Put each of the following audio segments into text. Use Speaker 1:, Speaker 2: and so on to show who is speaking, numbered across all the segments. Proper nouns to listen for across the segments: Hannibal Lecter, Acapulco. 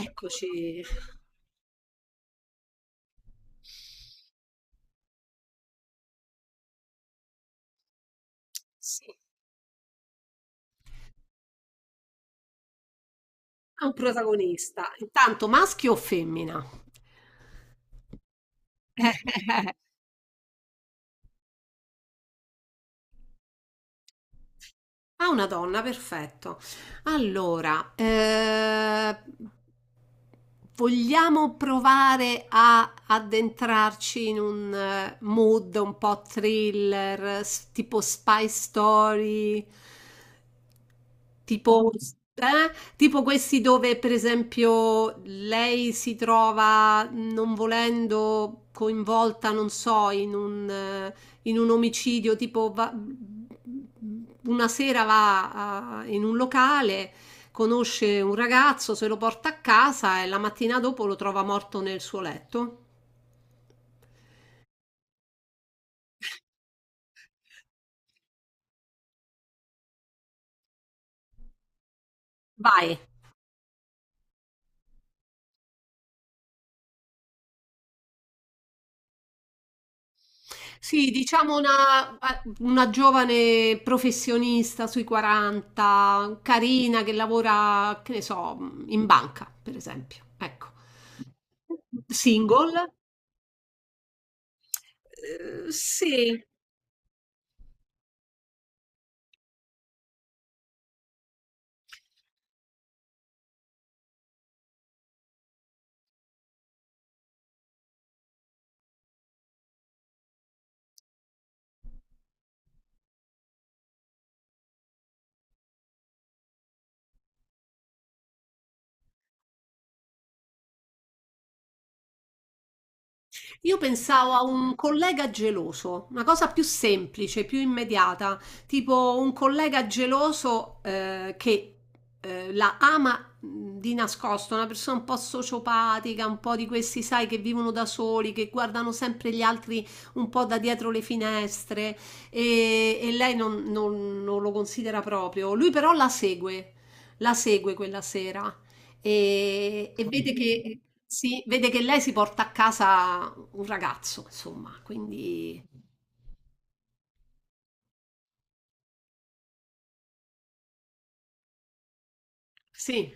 Speaker 1: Eccoci. Sì. Ha un protagonista. Intanto maschio o femmina? Ah, una donna, perfetto. Allora, vogliamo provare a addentrarci in un mood un po' thriller, tipo spy story, tipo, eh, tipo questi dove, per esempio, lei si trova non volendo coinvolta, non so, in un in un omicidio, una sera in un locale, conosce un ragazzo, se lo porta a casa e la mattina dopo lo trova morto nel suo letto. Vai. Sì, diciamo una giovane professionista sui 40, carina, che lavora, che ne so, in banca, per esempio. Ecco. Single? Sì. Io pensavo a un collega geloso, una cosa più semplice, più immediata, tipo un collega geloso che la ama di nascosto, una persona un po' sociopatica, un po' di questi, sai, che vivono da soli, che guardano sempre gli altri un po' da dietro le finestre e lei non lo considera proprio. Lui però la segue quella sera e vede che... Sì, vede che lei si porta a casa un ragazzo, insomma, quindi sì.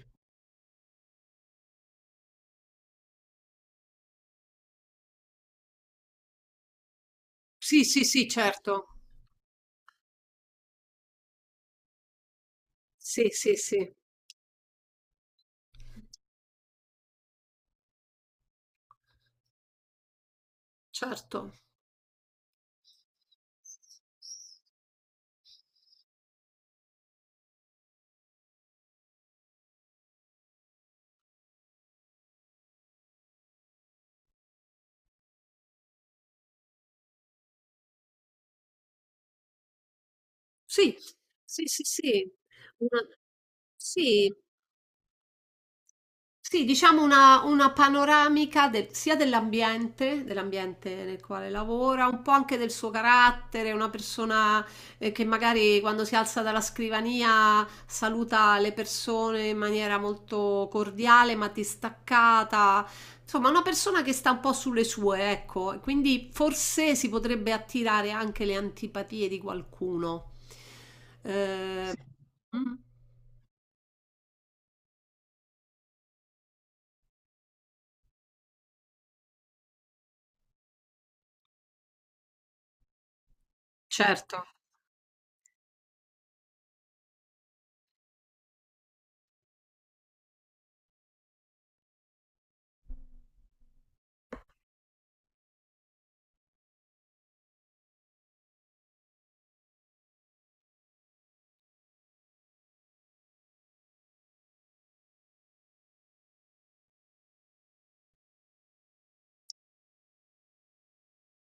Speaker 1: Sì, sì, sì, certo. Sì, sì, sì, certo. Sì, sì, sì, sì. Una- Sì. Sì, diciamo una panoramica sia dell'ambiente, dell'ambiente nel quale lavora, un po' anche del suo carattere, una persona che magari quando si alza dalla scrivania saluta le persone in maniera molto cordiale ma distaccata, insomma una persona che sta un po' sulle sue, ecco, e quindi forse si potrebbe attirare anche le antipatie di qualcuno. Eh, Sì. Mm, certo,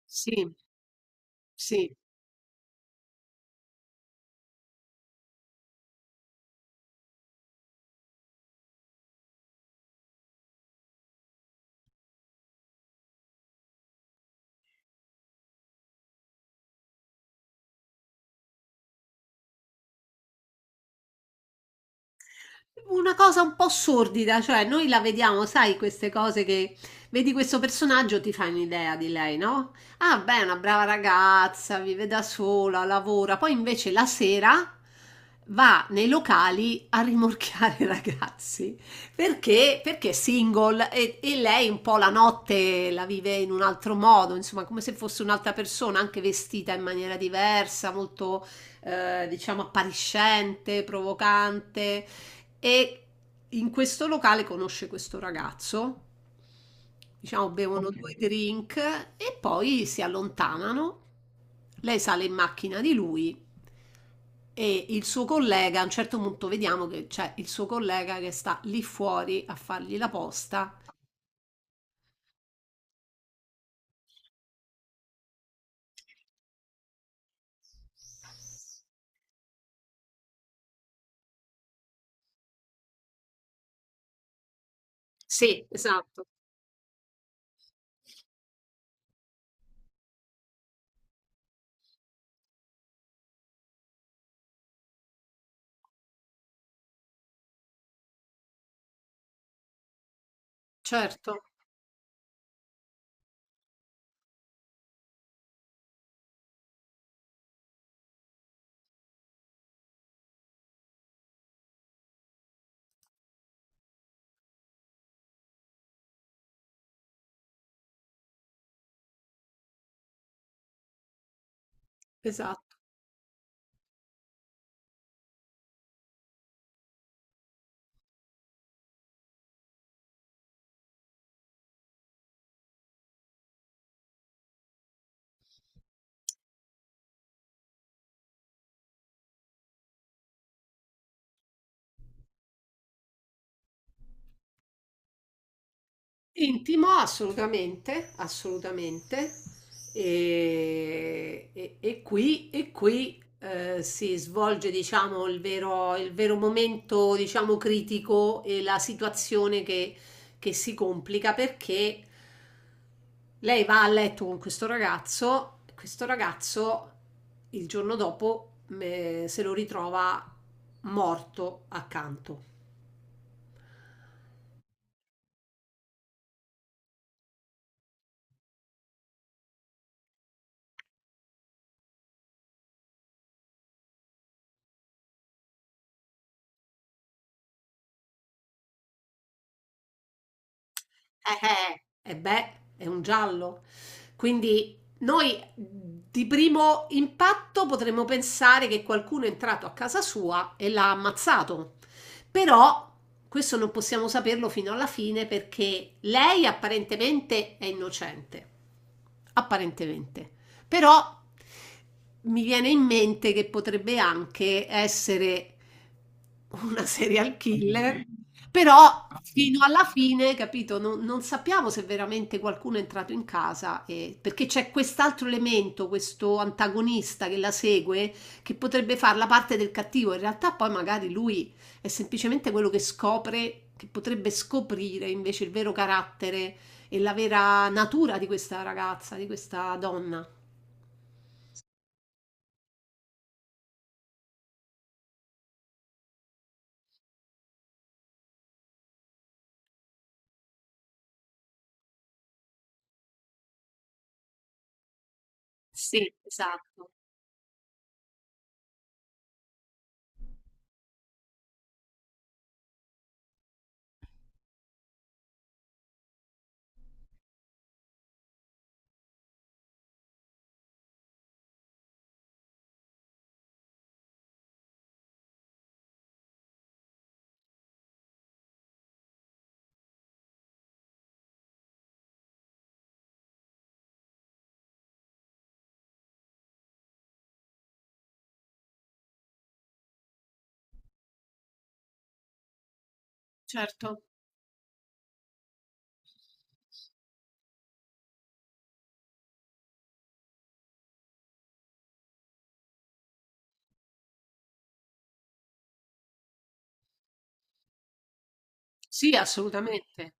Speaker 1: sì, sì. Una cosa un po' sordida, cioè noi la vediamo, sai, queste cose che vedi questo personaggio, ti fai un'idea di lei, no? Ah, beh, è una brava ragazza, vive da sola, lavora, poi invece la sera va nei locali a rimorchiare i ragazzi perché è single e lei un po' la notte la vive in un altro modo, insomma, come se fosse un'altra persona, anche vestita in maniera diversa, molto diciamo appariscente, provocante. E in questo locale conosce questo ragazzo, diciamo bevono Ok. due drink e poi si allontanano. Lei sale in macchina di lui e il suo collega, a un certo punto vediamo che c'è il suo collega che sta lì fuori a fargli la posta. Sì, esatto. Certo, esatto. Intimo, assolutamente, assolutamente. E qui si svolge, diciamo, il vero momento, diciamo, critico e la situazione che si complica perché lei va a letto con questo ragazzo il giorno dopo se lo ritrova morto accanto. Beh, è un giallo. Quindi noi di primo impatto potremmo pensare che qualcuno è entrato a casa sua e l'ha ammazzato. Però questo non possiamo saperlo fino alla fine perché lei apparentemente è innocente. Apparentemente. Però mi viene in mente che potrebbe anche essere una serial killer, però fino alla fine, capito, non sappiamo se veramente qualcuno è entrato in casa, perché c'è quest'altro elemento, questo antagonista che la segue, che potrebbe fare la parte del cattivo. In realtà poi magari lui è semplicemente quello che scopre, che potrebbe scoprire invece il vero carattere e la vera natura di questa ragazza, di questa donna. Sì, esatto, certo. Sì, assolutamente.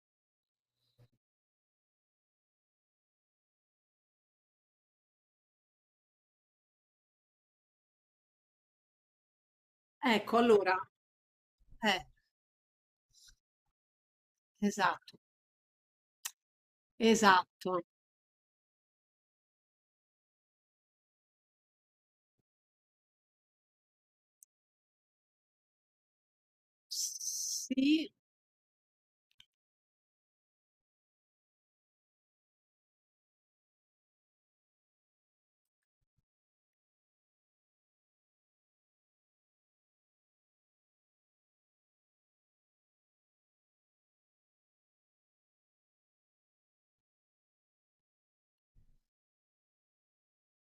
Speaker 1: Ecco, allora, eh, esatto, esatto. Sì,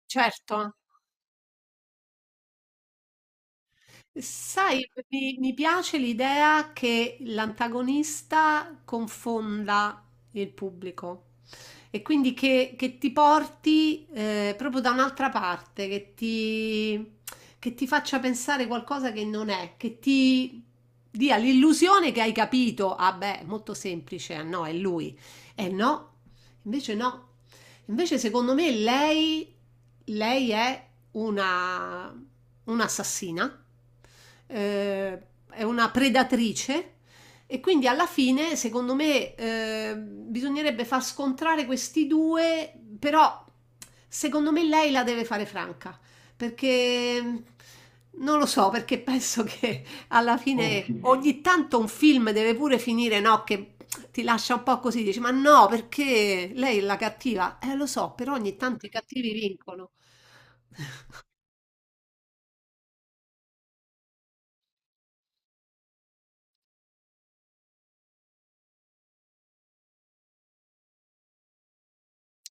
Speaker 1: certo. Sai, mi piace l'idea che l'antagonista confonda il pubblico e quindi che ti porti proprio da un'altra parte, che ti faccia pensare qualcosa che non è, che ti dia l'illusione che hai capito. Ah, beh, molto semplice, ah no, è lui. Eh no, invece no. Invece secondo me lei è una un'assassina, eh, è una predatrice e quindi alla fine, secondo me, bisognerebbe far scontrare questi due, però secondo me lei la deve fare franca, perché non lo so, perché penso che alla fine ogni tanto un film deve pure finire, no, che ti lascia un po' così, dici, ma no, perché lei è la cattiva? Lo so, però ogni tanto i cattivi vincono.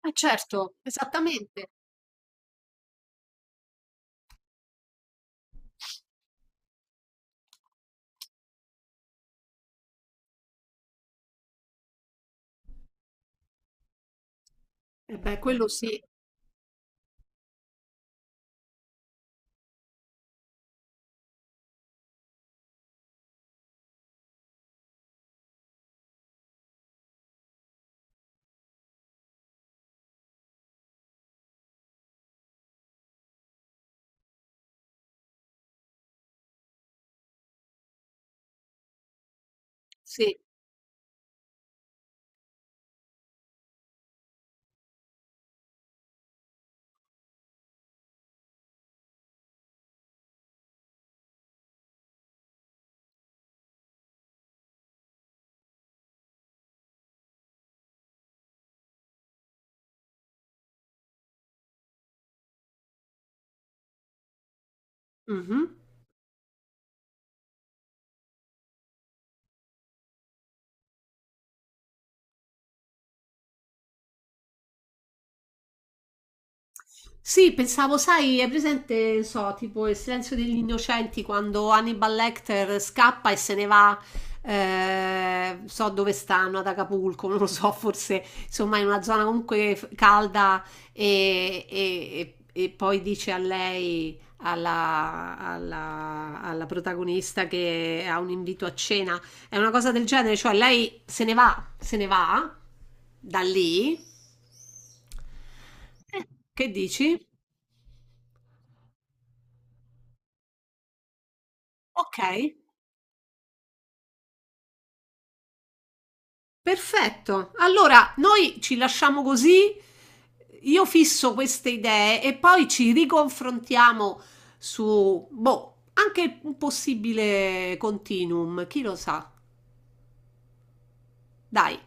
Speaker 1: Eh certo, esattamente. Eh beh, quello sì, sì. Mhm. Sì, pensavo, sai, è presente, non so, tipo il silenzio degli innocenti quando Hannibal Lecter scappa e se ne va, so dove stanno, ad Acapulco, non lo so, forse insomma in una zona comunque calda e, e poi dice a lei, alla protagonista che ha un invito a cena. È una cosa del genere, cioè lei se ne va, se ne va da lì. Eh, Che dici? Ok, perfetto. Allora, noi ci lasciamo così. Io fisso queste idee e poi ci riconfrontiamo su, boh, anche un possibile continuum, chi lo sa. Dai.